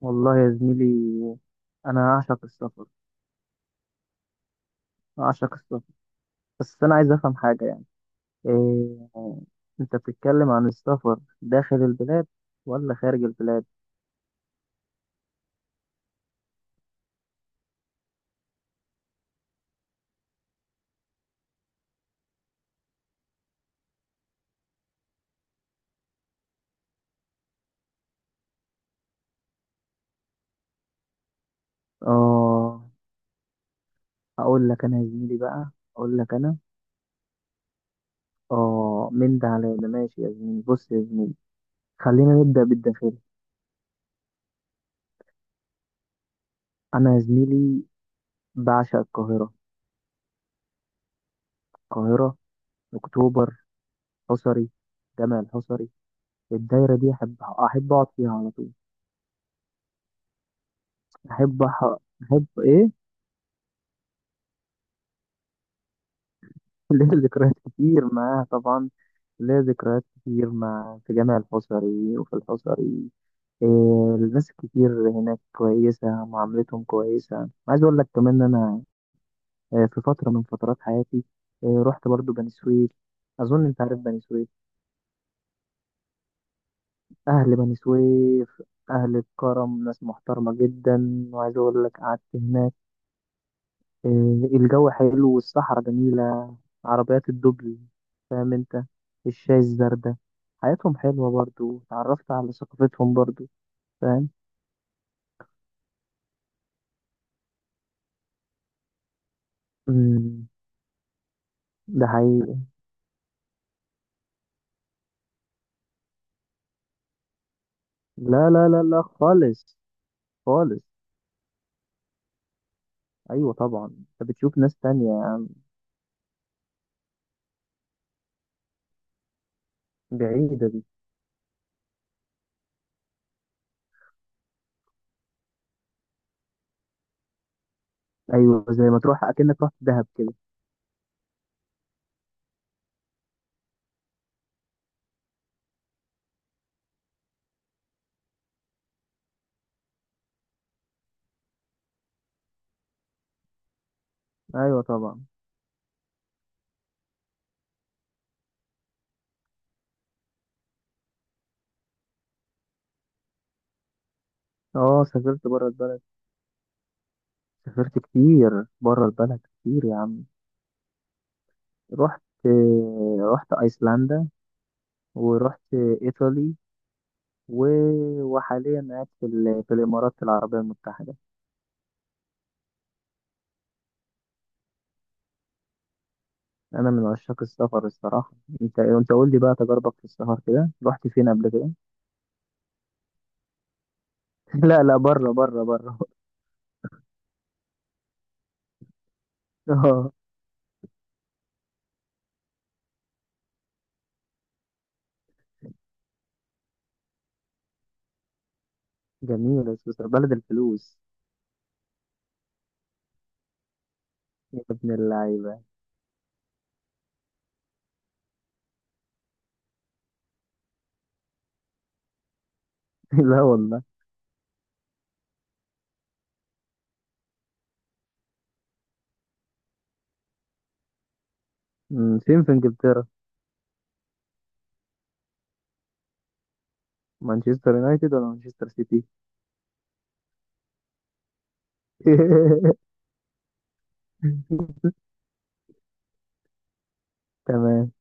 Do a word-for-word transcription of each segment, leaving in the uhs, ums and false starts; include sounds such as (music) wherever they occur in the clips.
والله يا زميلي، انا اعشق السفر. اعشق السفر. بس انا عايز افهم حاجه، يعني إيه؟ انت بتتكلم عن السفر داخل البلاد ولا خارج البلاد؟ اه، هقول لك انا يا زميلي بقى. اقول لك انا. اه، من ده على ده ماشي يا زميلي. بص يا زميلي، خلينا نبدا بالداخلي. انا يا زميلي بعشق القاهره. القاهره، اكتوبر، حصري، جامع الحصري. الدايره دي احب احب اقعد فيها على طول. احب أح- احب ايه؟ (laughs) ليا ذكريات كتير معاها طبعا. ليا ذكريات كتير مع في جامع الحصري وفي الحصري. إيه، الناس الكتير هناك كويسة، معاملتهم كويسة. عايز أقول لك كمان إن أنا آه، في فترة من فترات حياتي، إيه، رحت برضو بني سويف. أظن أنت عارف بني سويف. أهل بني سويف أهل الكرم، ناس محترمة جدا. وعايز أقول لك، قعدت هناك، آه، الجو حلو والصحراء جميلة. عربيات الدبل، فاهم انت؟ الشاي الزردة، حياتهم حلوة برضو. اتعرفت على ثقافتهم برضو، فاهم؟ مم، ده حقيقي. لا لا لا لا خالص. خالص. ايوه طبعا، انت بتشوف ناس تانية. بعيدة دي. ايوه، زي ما تروح اكنك رحت دهب كده. ايوه طبعا. اه، سافرت بره البلد. سافرت كتير بره البلد، كتير يا عم. رحت آه، رحت ايسلندا، ورحت ايطالي. و- وحاليا قاعد في ال- في الإمارات العربية المتحدة. أنا من عشاق السفر الصراحة. أنت أنت قول لي بقى، تجربك في السفر كده، رحت فين قبل كده؟ (laughs) لا لا، بره بره بره. (laughs) آه، جميلة سويسرا، بلد الفلوس. يا ابن اللعيبة. (laughs) لا والله. أمم، فين في إنجلترا؟ مانشستر يونايتد ولا مانشستر سيتي؟ (laughs) تمام.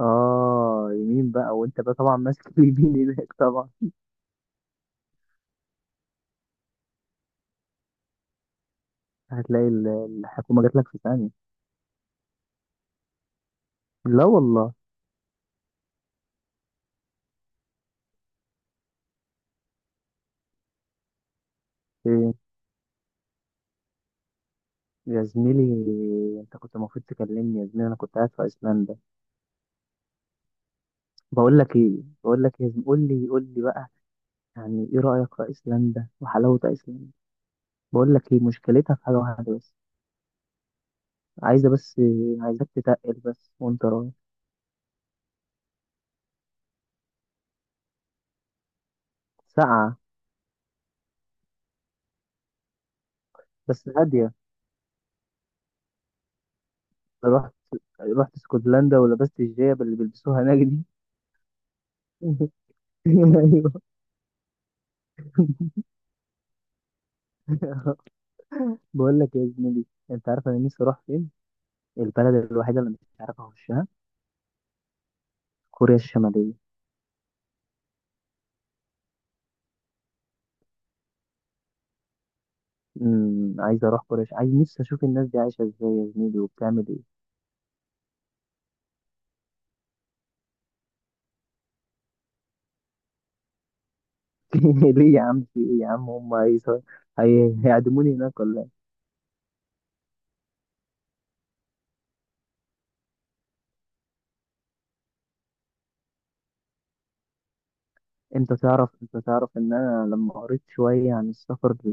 آه، يمين بقى، وأنت بقى طبعا ماسك اليمين هناك طبعا. هتلاقي ال- الحكومة جات لك في ثانية. لا والله. إيه، يا زميلي، انت كنت المفروض تكلمني يا زميلي. انا كنت قاعد في ايسلندا. بقول لك ايه، بقول لك يا زميلي، قول لي قول لي بقى، يعني ايه رايك في ايسلندا وحلاوه ايسلندا؟ بقول لك ايه، مشكلتها في حاجه واحده بس. عايزه بس، عايزك تتقل بس وانت رايح. ساقعه. بس هاديه. لو رحت، رحت اسكتلندا ولبست الجياب اللي بيلبسوها هناك دي. (laughs) ايوه. بقول لك يا زميلي، انت عارف انا نفسي اروح فين؟ البلد الوحيده اللي مش عارف اخشها، كوريا الشماليه. امم، عايز اروح قريش. عايز، نفسي اشوف الناس دي عايشه ازاي يا زميلي، وبتعمل ايه؟ (laughs) ليه يا عم؟ في ايه يا عم؟ هم هيص- هي... هيعدموني هناك ولا ايه؟ انت تعرف، انت تعرف ان انا لما قريت شويه عن السفر ل...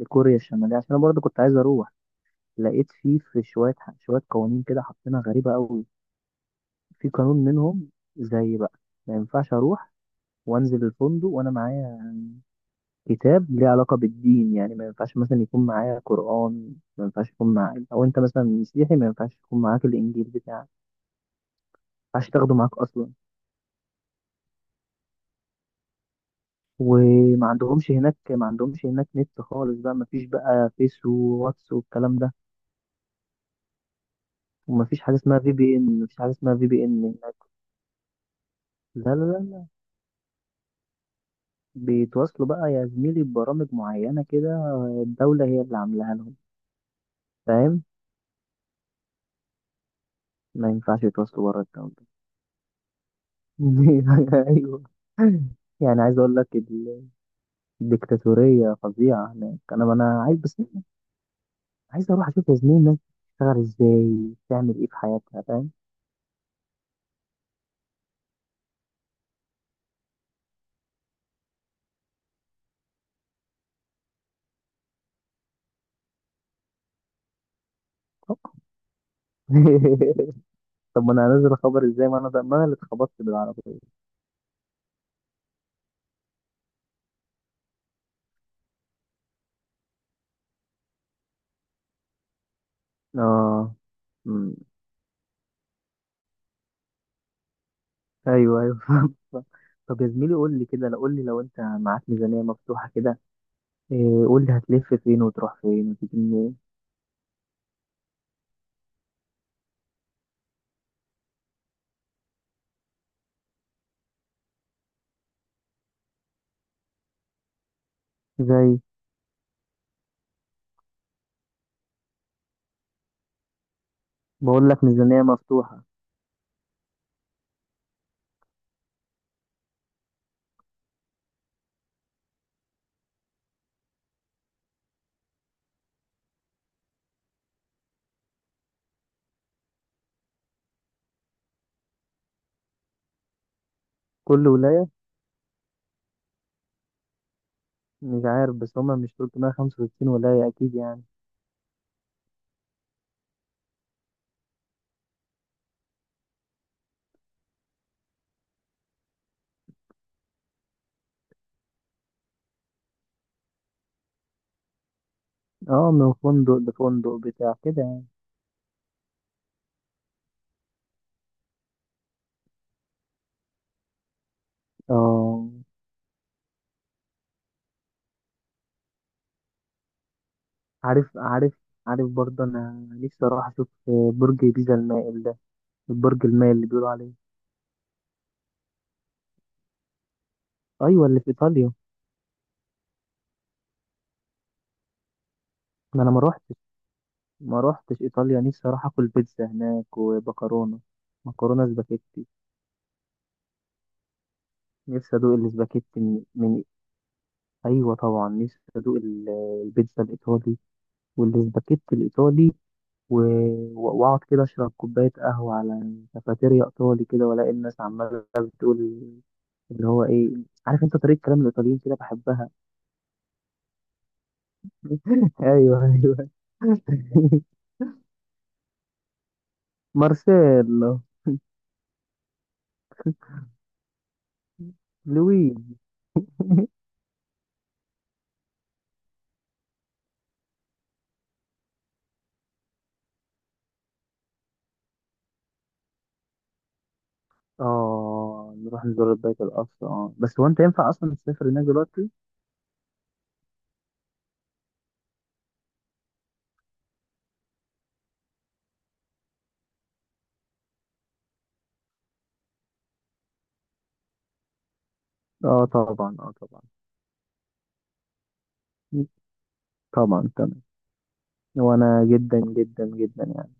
لكوريا الشماليه، عشان انا برضه كنت عايز اروح، لقيت فيه في شويه ح- شويه قوانين كده حاطينها غريبه قوي. في قانون منهم زي بقى، ما ينفعش اروح وانزل الفندق وانا معايا كتاب ليه علاقة بالدين، يعني ما ينفعش مثلا يكون معايا قرآن، ما ينفعش يكون معايا، أو أنت مثلا مسيحي ما ينفعش يكون معاك الإنجيل بتاعك، ما ينفعش تاخده معاك أصلا. وما عندهمش هناك، ما عندهمش هناك نت خالص بقى، ما فيش بقى فيس وواتس والكلام ده. وما فيش حاجة اسمها في بي إن، ما فيش حاجة اسمها في بي إن هناك. لا لا لا لا. بيتواصلوا بقى يا زميلي ببرامج معينة كده، الدولة هي اللي عاملاها لهم. فاهم، ما ينفعش يتواصلوا بره الدولة. (laughs) أيوه. يعني عايز أقول لك، ديكتاتورية فظيعة هناك. أنا أنا عايز بس، عايز أروح أشوف يا زميلي الناس بتشتغل إزاي، بتعمل إيه في حياتها، فاهم؟ (laughs) طب ما أنا هنزل أخبر إزاي؟ ما أنا ده، ما أنا اللي اتخبطت بالعربية. آه. أمم. أيوه أيوه. (laughs) فاهم. طب يا زميلي، قول لي كده، لو قول لي لو أنت معاك ميزانية مفتوحة كده، إيه، قول لي هتلف فين وتروح فين وتيجي منين؟ زي، بقول لك ميزانية مفتوحة. كل ولاية. مش عارف بس، هما مش ثلاثمائة وخمسة وستين ولاية أكيد يعني. اه، من فندق لفندق بتاع كده يعني. اه، عارف عارف. عارف برضه انا نفسي اروح اشوف برج بيزا المائل ده، البرج المائل اللي بيقولوا عليه. ايوه، اللي في ايطاليا. ما انا ما روحتش، ما روحتش ايطاليا. نفسي اروح اكل بيتزا هناك ومكرونه، مكرونه سباكيتي. نفسي ادوق السباكيتي من, من. ايوه طبعا، نفسي ادوق ال- البيتزا الايطالي والسباكيتي الايطالي. و- واقعد كده اشرب كوبايه قهوه على كافيتيريا ايطالي كده، والاقي الناس عماله بتقول اللي هو ايه؟ عارف انت طريقه كلام الايطاليين كده، بحبها. (laughs) ايوه ايوه. (laughs) مارسيلو. لويج. اه، نروح نزور بيت القصر. اه بس، هو انت ينفع اصلا تسافر هناك دلوقتي؟ اه طبعا، اه طبعا. طبعا، تمام. وانا جدا جدا جدا يعني.